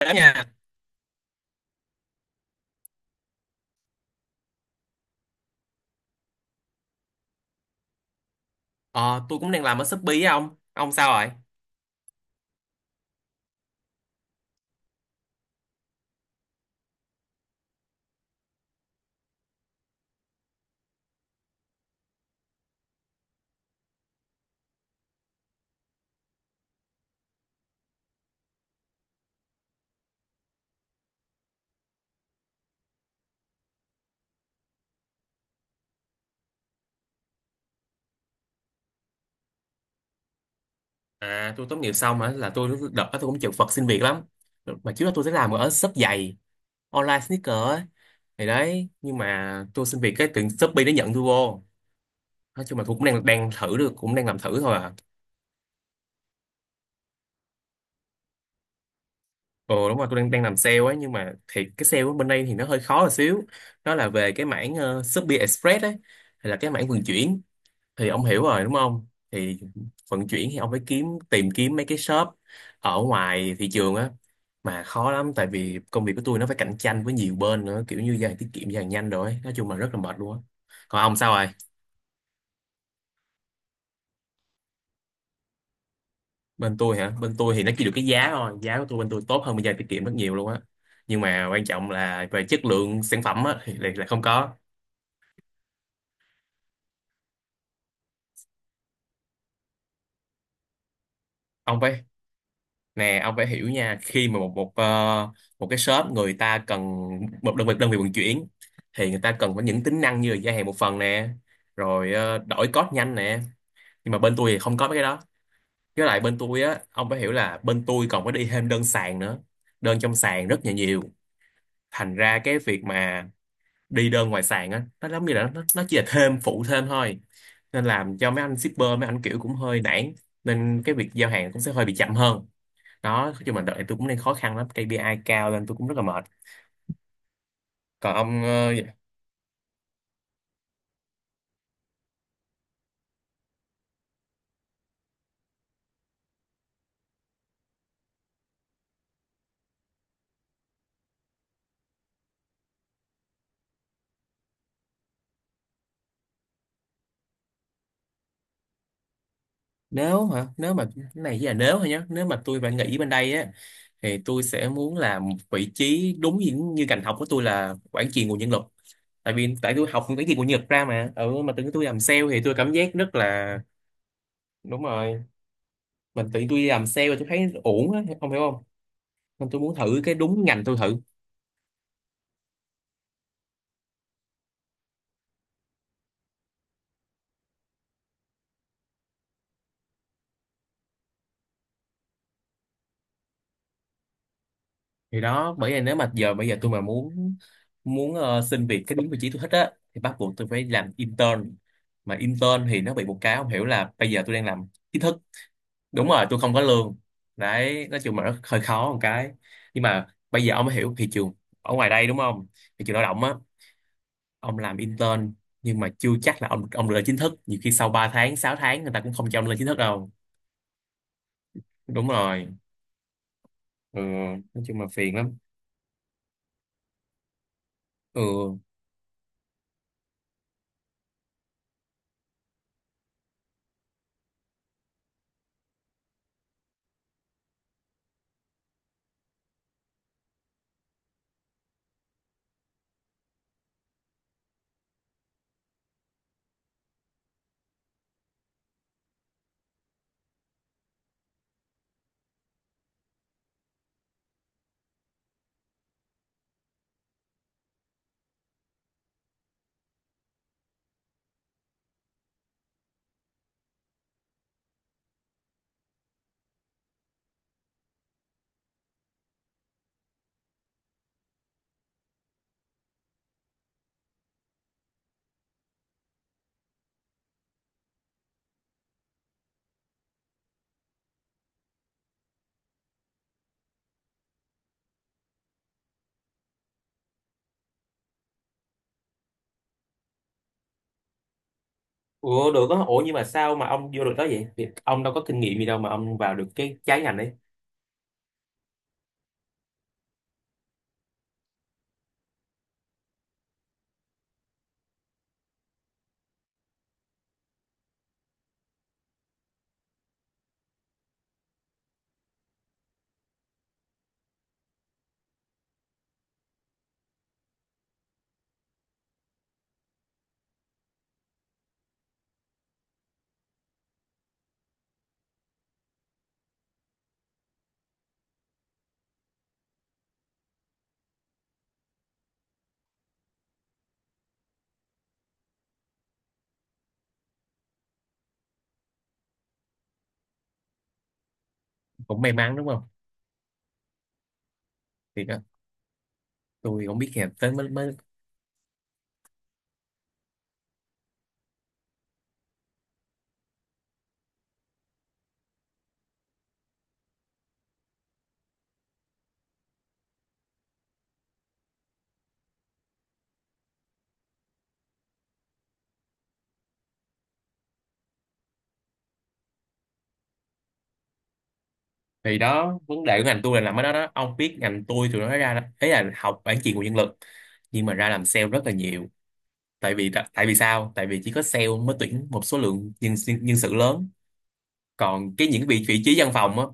Đó nha ờ, tôi cũng đang làm ở Shopee á. Ông sao rồi? À, tôi tốt nghiệp xong á, là tôi đợt đó tôi cũng chật vật xin việc lắm, mà trước đó tôi sẽ làm ở shop giày online sneaker á. Thì đấy, nhưng mà tôi xin việc cái từ Shopee nó nhận tôi vô. Nói chung là tôi cũng đang đang thử được, cũng đang làm thử thôi à. Ừ đúng rồi, tôi đang đang làm sale ấy, nhưng mà thì cái sale ở bên đây thì nó hơi khó một xíu. Nó là về cái mảng Shopee Express ấy, hay là cái mảng vận chuyển, thì ông hiểu rồi đúng không? Thì vận chuyển thì ông phải tìm kiếm mấy cái shop ở ngoài thị trường á, mà khó lắm, tại vì công việc của tôi nó phải cạnh tranh với nhiều bên nữa, kiểu như giao tiết kiệm, giao nhanh rồi ấy. Nói chung là rất là mệt luôn á. Còn ông sao rồi? Bên tôi hả? Bên tôi thì nó chỉ được cái giá thôi, giá của tôi bên tôi tốt hơn bên giao tiết kiệm rất nhiều luôn á, nhưng mà quan trọng là về chất lượng sản phẩm á thì lại là không có. Ông phải nè, ông phải hiểu nha, khi mà một một ờ, một cái shop người ta cần một đơn vị vận chuyển, thì người ta cần phải những tính năng như là gia hạn một phần nè, rồi đổi code nhanh nè, nhưng mà bên tôi thì không có mấy cái đó. Với lại bên tôi á, ông phải hiểu là bên tôi còn phải đi thêm đơn sàn nữa, đơn trong sàn rất là nhiều, thành ra cái việc mà đi đơn ngoài sàn á nó giống như là nó chỉ là thêm phụ thêm thôi, nên làm cho mấy anh shipper mấy anh kiểu cũng hơi nản, nên cái việc giao hàng cũng sẽ hơi bị chậm hơn. Đó, nói mà đợi, tôi cũng đang khó khăn lắm, KPI cao nên tôi cũng rất là mệt. còn ông ờ, Nếu hả, nếu mà cái này chỉ là nếu thôi nhé, nếu mà tôi phải nghỉ bên đây á, thì tôi sẽ muốn làm một vị trí đúng như ngành học của tôi là quản trị nguồn nhân lực. Tại vì tôi học cái gì của Nhật ra mà ừ mà tự nhiên tôi làm sale thì tôi cảm giác rất là. Đúng rồi, mình tự nhiên tôi làm sale tôi thấy ổn á, ông hiểu không? Nên tôi muốn thử cái đúng ngành tôi thử. Thì đó, bởi vì nếu mà giờ bây giờ tôi mà muốn muốn ờ, xin việc cái đúng vị trí tôi thích á, thì bắt buộc tôi phải làm intern, mà intern thì nó bị một cái không hiểu, là bây giờ tôi đang làm chính thức. Đúng rồi tôi không có lương. Đấy, nói chung là nó hơi khó một cái, nhưng mà bây giờ ông mới hiểu thị trường ở ngoài đây đúng không? Thị trường lao động á. Ông làm intern nhưng mà chưa chắc là ông được lên chính thức, nhiều khi sau 3 tháng 6 tháng người ta cũng không cho ông lên chính thức đâu. Đúng rồi. Ừ, nói chung là phiền lắm. Ừ. Ủa được á, ủa nhưng mà sao mà ông vô được đó vậy? Thì ông đâu có kinh nghiệm gì đâu mà ông vào được cái trái ngành ấy. Cũng may mắn đúng không? Thì đó, tôi không biết ngành tới mới. Thì đó, vấn đề của ngành tôi là làm ở đó đó. Ông biết ngành tôi tụi nó nói ra đó. Đấy là học quản trị nguồn nhân lực, nhưng mà ra làm sale rất là nhiều. Tại vì sao? Tại vì chỉ có sale mới tuyển một số lượng nhân nhân sự lớn. Còn cái những vị vị trí văn phòng á,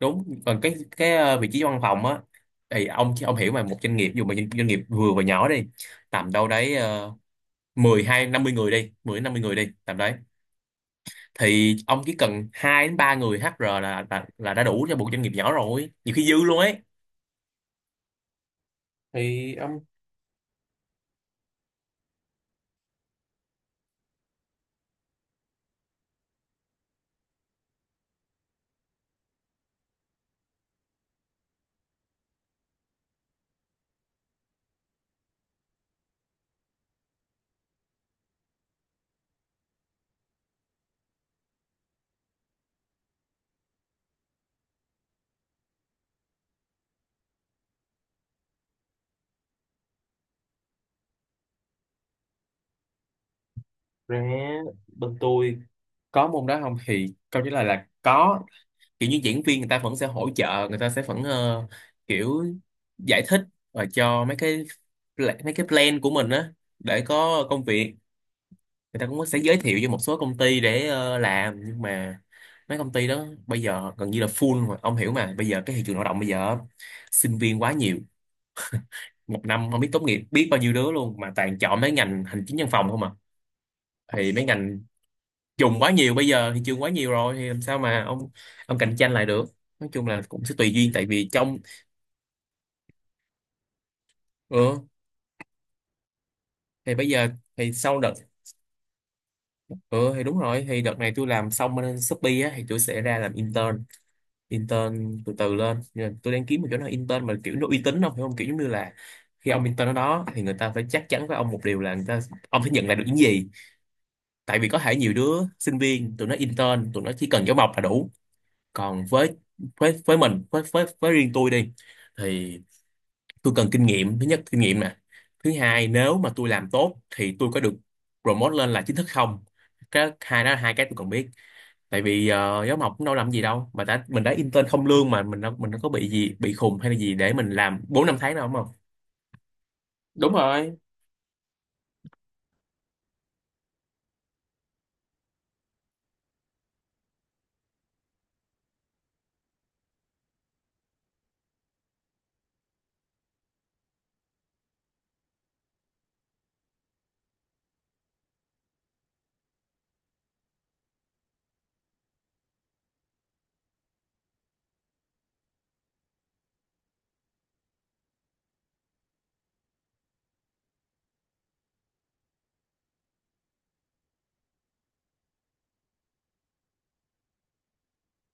đúng. Còn cái vị trí văn phòng á, thì ông hiểu mà một doanh nghiệp, dù mà doanh doanh nghiệp vừa và nhỏ đi, tầm đâu đấy 10 đến 50 người đi tầm đấy, thì ông chỉ cần 2 đến 3 người HR là đã đủ cho một doanh nghiệp nhỏ rồi, nhiều khi dư luôn ấy. Thì ông ra, bên tôi có môn đó không thì câu trả lời là có. Kiểu như diễn viên người ta vẫn sẽ hỗ trợ, người ta sẽ vẫn kiểu giải thích và cho mấy cái mấy cái plan của mình á, để có công việc người ta cũng sẽ giới thiệu cho một số công ty để làm, nhưng mà mấy công ty đó bây giờ gần như là full rồi, ông hiểu mà bây giờ cái thị trường lao động bây giờ sinh viên quá nhiều, 1 năm không biết tốt nghiệp biết bao nhiêu đứa luôn, mà toàn chọn mấy ngành hành chính văn phòng không à. Thì mấy ngành dùng quá nhiều, bây giờ thị trường quá nhiều rồi thì làm sao mà ông cạnh tranh lại được. Nói chung là cũng sẽ tùy duyên, tại vì trong ừ, thì bây giờ thì sau đợt ừ thì đúng rồi, thì đợt này tôi làm xong bên Shopee á thì tôi sẽ ra làm intern, intern từ từ lên. Nhưng mà tôi đang kiếm một chỗ nào intern mà kiểu nó uy tín, không hiểu không, kiểu giống như là khi ông intern ở đó thì người ta phải chắc chắn với ông một điều là người ta, ông phải nhận lại được những gì. Tại vì có thể nhiều đứa sinh viên tụi nó intern tụi nó chỉ cần giáo mộc là đủ, còn với mình với riêng tôi đi, thì tôi cần kinh nghiệm, thứ nhất kinh nghiệm nè, thứ hai nếu mà tôi làm tốt thì tôi có được promote lên là chính thức không, cái hai đó là hai cái tôi cần biết. Tại vì giáo mộc cũng đâu làm gì đâu, mà đã mình đã intern không lương mà mình đâu có bị gì bị khùng hay là gì để mình làm bốn năm tháng đâu đúng không. Đúng rồi.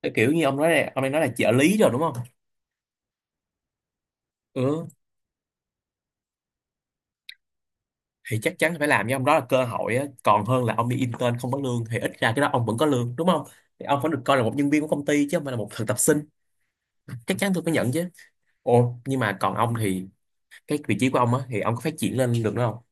Cái kiểu như ông nói là, ông đang nói là trợ lý rồi đúng không. Ừ thì chắc chắn phải làm với ông đó, là cơ hội á, còn hơn là ông đi intern không có lương, thì ít ra cái đó ông vẫn có lương đúng không, thì ông vẫn được coi là một nhân viên của công ty chứ không phải là một thực tập sinh. Chắc chắn tôi phải nhận chứ. Ồ nhưng mà còn ông thì cái vị trí của ông á thì ông có phát triển lên được nữa không?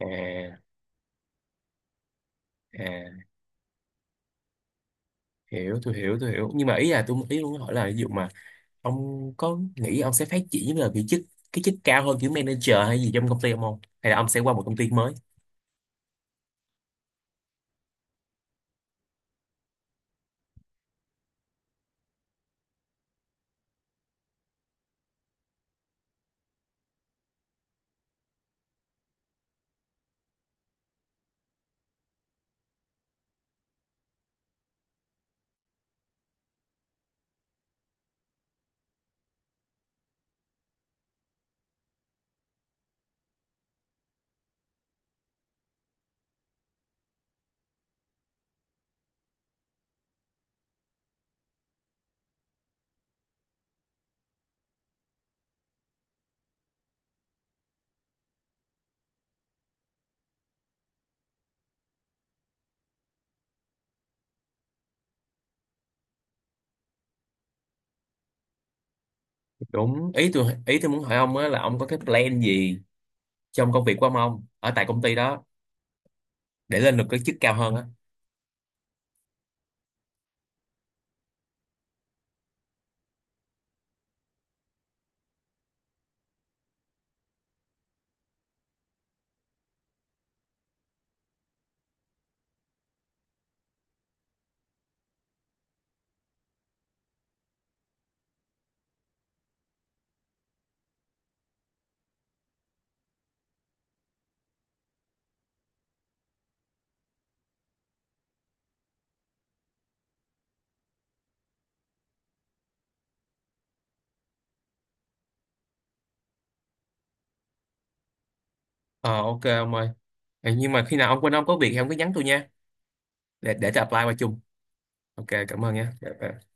À à hiểu tôi hiểu tôi hiểu nhưng mà ý là tôi ý muốn hỏi là ví dụ mà ông có nghĩ ông sẽ phát triển là vị chức cái chức cao hơn kiểu manager hay gì trong công ty ông không, hay là ông sẽ qua một công ty mới? Đúng ý tôi muốn hỏi ông á là ông có cái plan gì trong công việc của ông không ở tại công ty đó, để lên được cái chức cao hơn á. Ờ ok ông ơi. Ờ, nhưng mà khi nào ông quên ông có việc thì ông cứ nhắn tôi nha, để tôi apply qua chung. Ok cảm ơn nha. Dạ, bye.